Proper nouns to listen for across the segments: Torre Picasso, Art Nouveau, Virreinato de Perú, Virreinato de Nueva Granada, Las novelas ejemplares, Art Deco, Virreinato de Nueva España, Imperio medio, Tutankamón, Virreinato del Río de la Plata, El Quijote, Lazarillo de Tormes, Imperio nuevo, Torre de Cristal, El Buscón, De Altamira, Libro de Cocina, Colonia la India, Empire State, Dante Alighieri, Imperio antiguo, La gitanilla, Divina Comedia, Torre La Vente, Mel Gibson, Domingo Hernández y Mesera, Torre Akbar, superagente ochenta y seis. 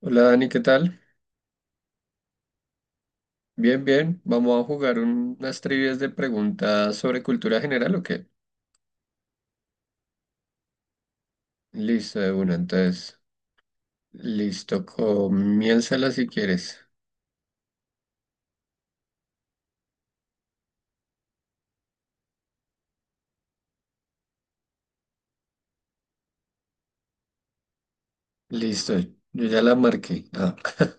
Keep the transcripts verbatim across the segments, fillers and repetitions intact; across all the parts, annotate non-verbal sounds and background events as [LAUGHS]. Hola Dani, ¿qué tal? Bien, bien. Vamos a jugar un- unas trivias de preguntas sobre cultura general, ¿o qué? Listo, de una. Entonces, listo. Comiénzala si quieres. Listo. Yo ya la marqué. Ah. [LAUGHS]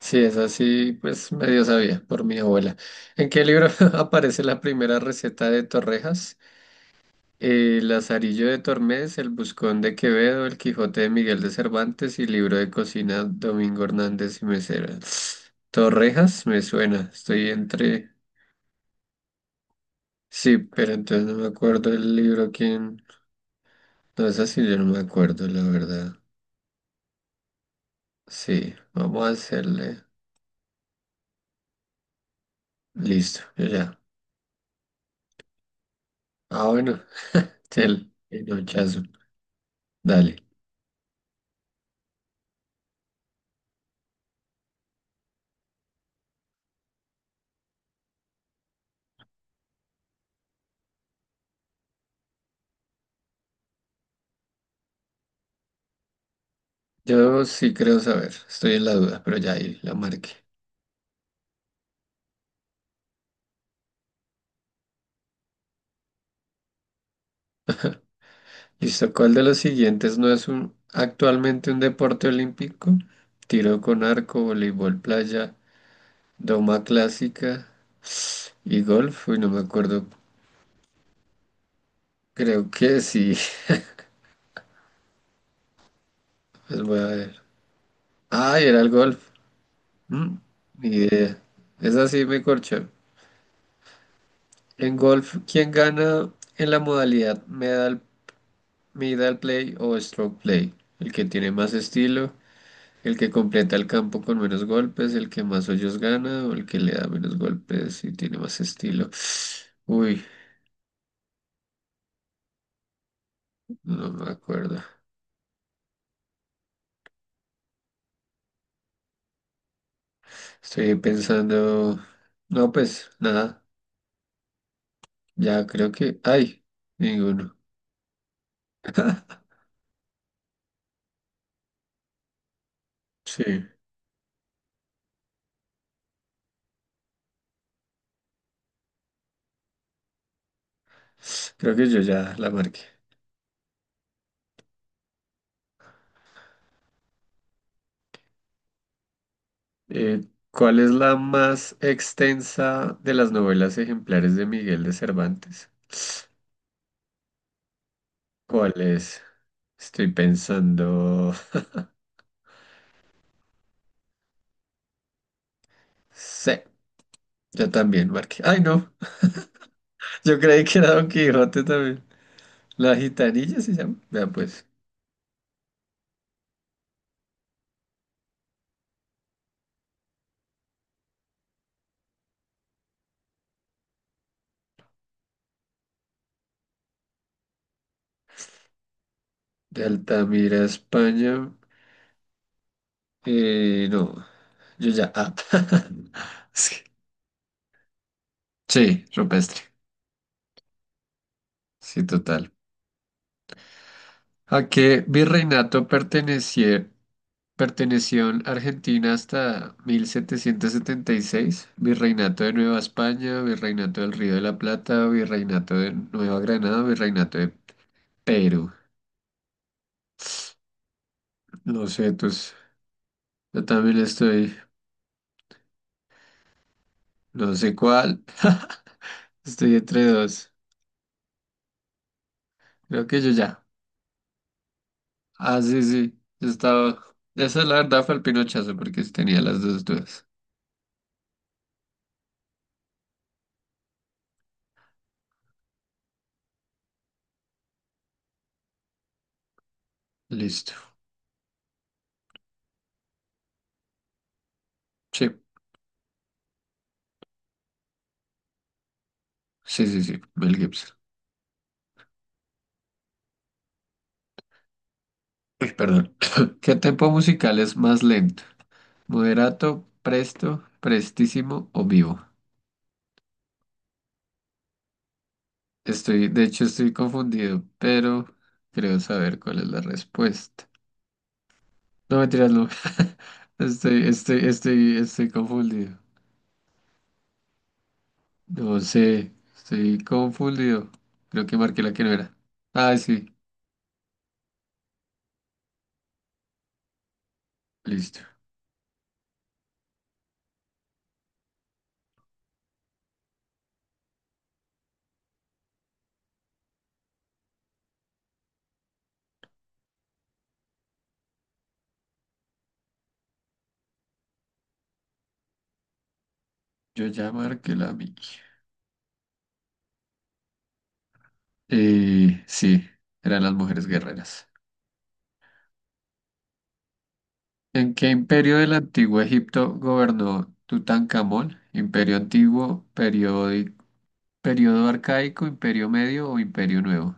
Sí, es así, pues medio sabía por mi abuela. ¿En qué libro [LAUGHS] aparece la primera receta de torrejas? Eh, Lazarillo de Tormes, El Buscón de Quevedo, El Quijote de Miguel de Cervantes y Libro de Cocina, Domingo Hernández y Mesera. Torrejas, me suena, estoy entre... Sí, pero entonces no me acuerdo el libro quién... No es así, yo no me acuerdo, la verdad. Sí, vamos a hacerle... Listo, yo ya. Ah, bueno, el el nochazo. Dale. Yo sí creo saber, estoy en la duda, pero ya ahí la marqué. Listo, ¿cuál de los siguientes no es un, actualmente un deporte olímpico? Tiro con arco, voleibol playa, doma clásica y golf. Uy, no me acuerdo. Creo que sí. [LAUGHS] Pues voy a ver. Ay, era el golf. Mm, ni idea. Esa sí me corchó. En golf, ¿quién gana en la modalidad medal, medal play o stroke play? ¿El que tiene más estilo, el que completa el campo con menos golpes, el que más hoyos gana o el que le da menos golpes y tiene más estilo? Uy, no me acuerdo. Estoy pensando... No, pues nada, ya creo que... ¡Ay! Ninguno. [LAUGHS] Sí, creo que yo ya la marqué. Eh, ¿cuál es la más extensa de las novelas ejemplares de Miguel de Cervantes? ¿Cuál es? Estoy pensando... Sí, yo también marqué. ¡Ay, no! Yo creí que era Don Quijote también. La gitanilla se llama. Vea pues. De Altamira, España. Eh, no, yo ya. Ah. [LAUGHS] Es que- Sí, rupestre. Sí, total. ¿A qué virreinato perteneció, perteneció en Argentina hasta mil setecientos setenta y seis? Virreinato de Nueva España, Virreinato del Río de la Plata, Virreinato de Nueva Granada, Virreinato de Perú. No sé, pues yo también estoy, no sé cuál. Estoy entre dos. Creo que yo ya. Ah, sí, sí. Yo estaba. Esa la verdad fue el pinochazo porque tenía las dos dudas. Listo. Sí, sí, sí, sí. Mel Gibson. Uy, perdón. [LAUGHS] [CLEARS THROAT] ¿Qué tempo musical es más lento? ¿Moderato, presto, prestísimo o vivo? Estoy, de hecho, estoy confundido, pero creo saber cuál es la respuesta. No, mentiras, no. [LAUGHS] Estoy, estoy, estoy, estoy confundido. No sé, estoy confundido. Creo que marqué la que no era. Ah, sí, listo. Yo ya marqué la mía. Eh, sí, eran las mujeres guerreras. ¿En qué imperio del antiguo Egipto gobernó Tutankamón? ¿Imperio antiguo, periódi- periodo arcaico, imperio medio o imperio nuevo?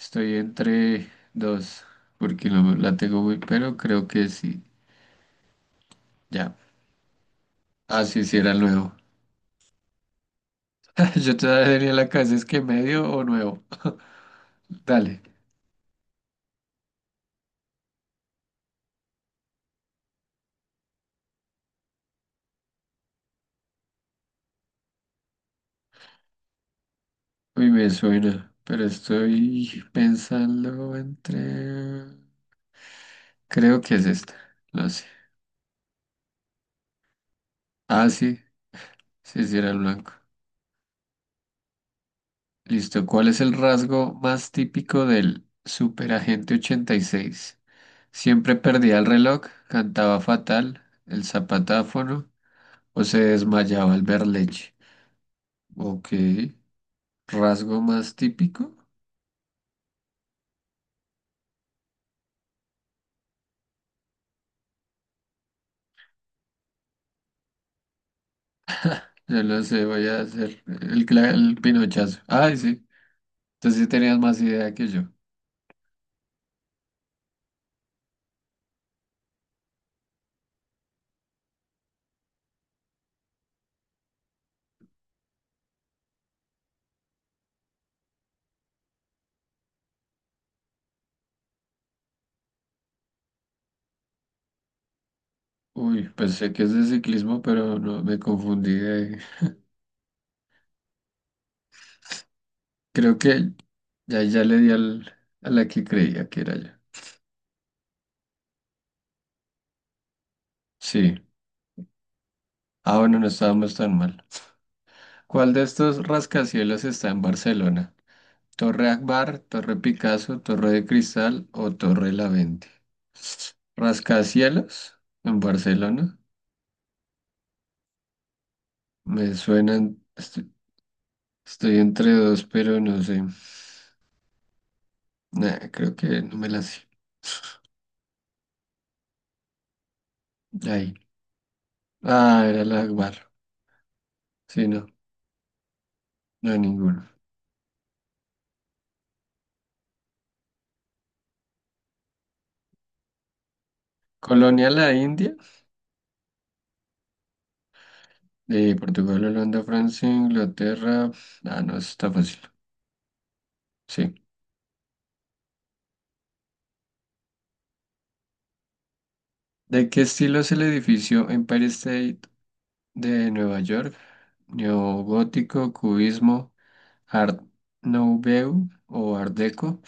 Estoy entre dos, porque no me- la tengo muy, pero creo que sí. Ya. Ah, sí, sí, era el nuevo. [LAUGHS] Yo todavía tenía en la cabeza es que medio o nuevo. Dale. Uy, me suena, pero estoy pensando entre... Creo que es esta, no sé. Ah, sí, sí, sí era el blanco. Listo, ¿cuál es el rasgo más típico del superagente ochenta y seis? Siempre perdía el reloj, cantaba fatal, el zapatáfono o se desmayaba al ver leche. Ok, rasgo más típico, ya lo sé, voy a hacer el, cla- el pinochazo. Ay, sí, entonces sí tenías más idea que yo. Uy, pensé que es de ciclismo, pero no me confundí de- Creo que ya, ya le di al, a la que creía que era yo. Sí. Ah, bueno, no estábamos tan mal. ¿Cuál de estos rascacielos está en Barcelona? ¿Torre Akbar, Torre Picasso, Torre de Cristal o Torre La Vente? ¿Rascacielos en Barcelona? Me suenan. Estoy, estoy entre dos, pero no sé. Nah, creo que no me la sé. Ahí. Ah, era la Akbar. Sí, no, no, ninguno. Colonia la India, de Portugal, Holanda, Francia, Inglaterra. Ah, no, eso está fácil. Sí. ¿De qué estilo es el edificio Empire State de Nueva York? ¿Neogótico, cubismo, Art Nouveau o Art Deco?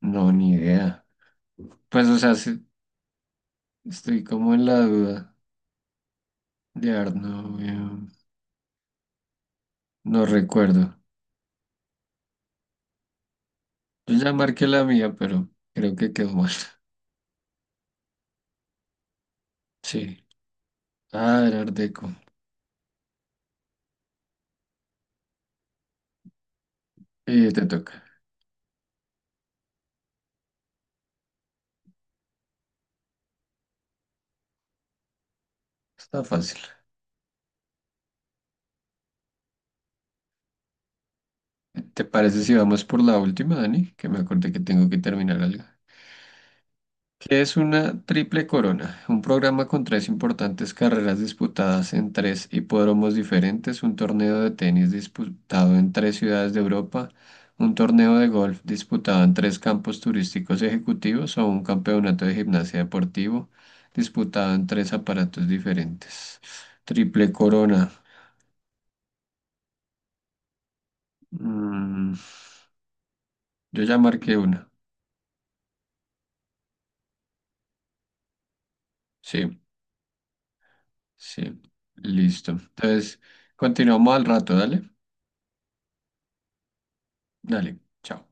No, ni idea. Pues, o sea, sí, estoy como en la duda de Art Nouveau. No recuerdo. Yo ya marqué la mía, pero creo que quedó mal. Sí. Ah, era Art Deco. Y te toca. Está fácil. ¿Te parece si vamos por la última, Dani? Que me acordé que tengo que terminar algo. ¿Qué es una triple corona? Un programa con tres importantes carreras disputadas en tres hipódromos diferentes, un torneo de tenis disputado en tres ciudades de Europa, un torneo de golf disputado en tres campos turísticos ejecutivos o un campeonato de gimnasia deportivo disputado en tres aparatos diferentes. Triple corona. Mm, yo ya marqué una. Sí. Sí, listo. Entonces, continuamos al rato, dale. Dale, chao.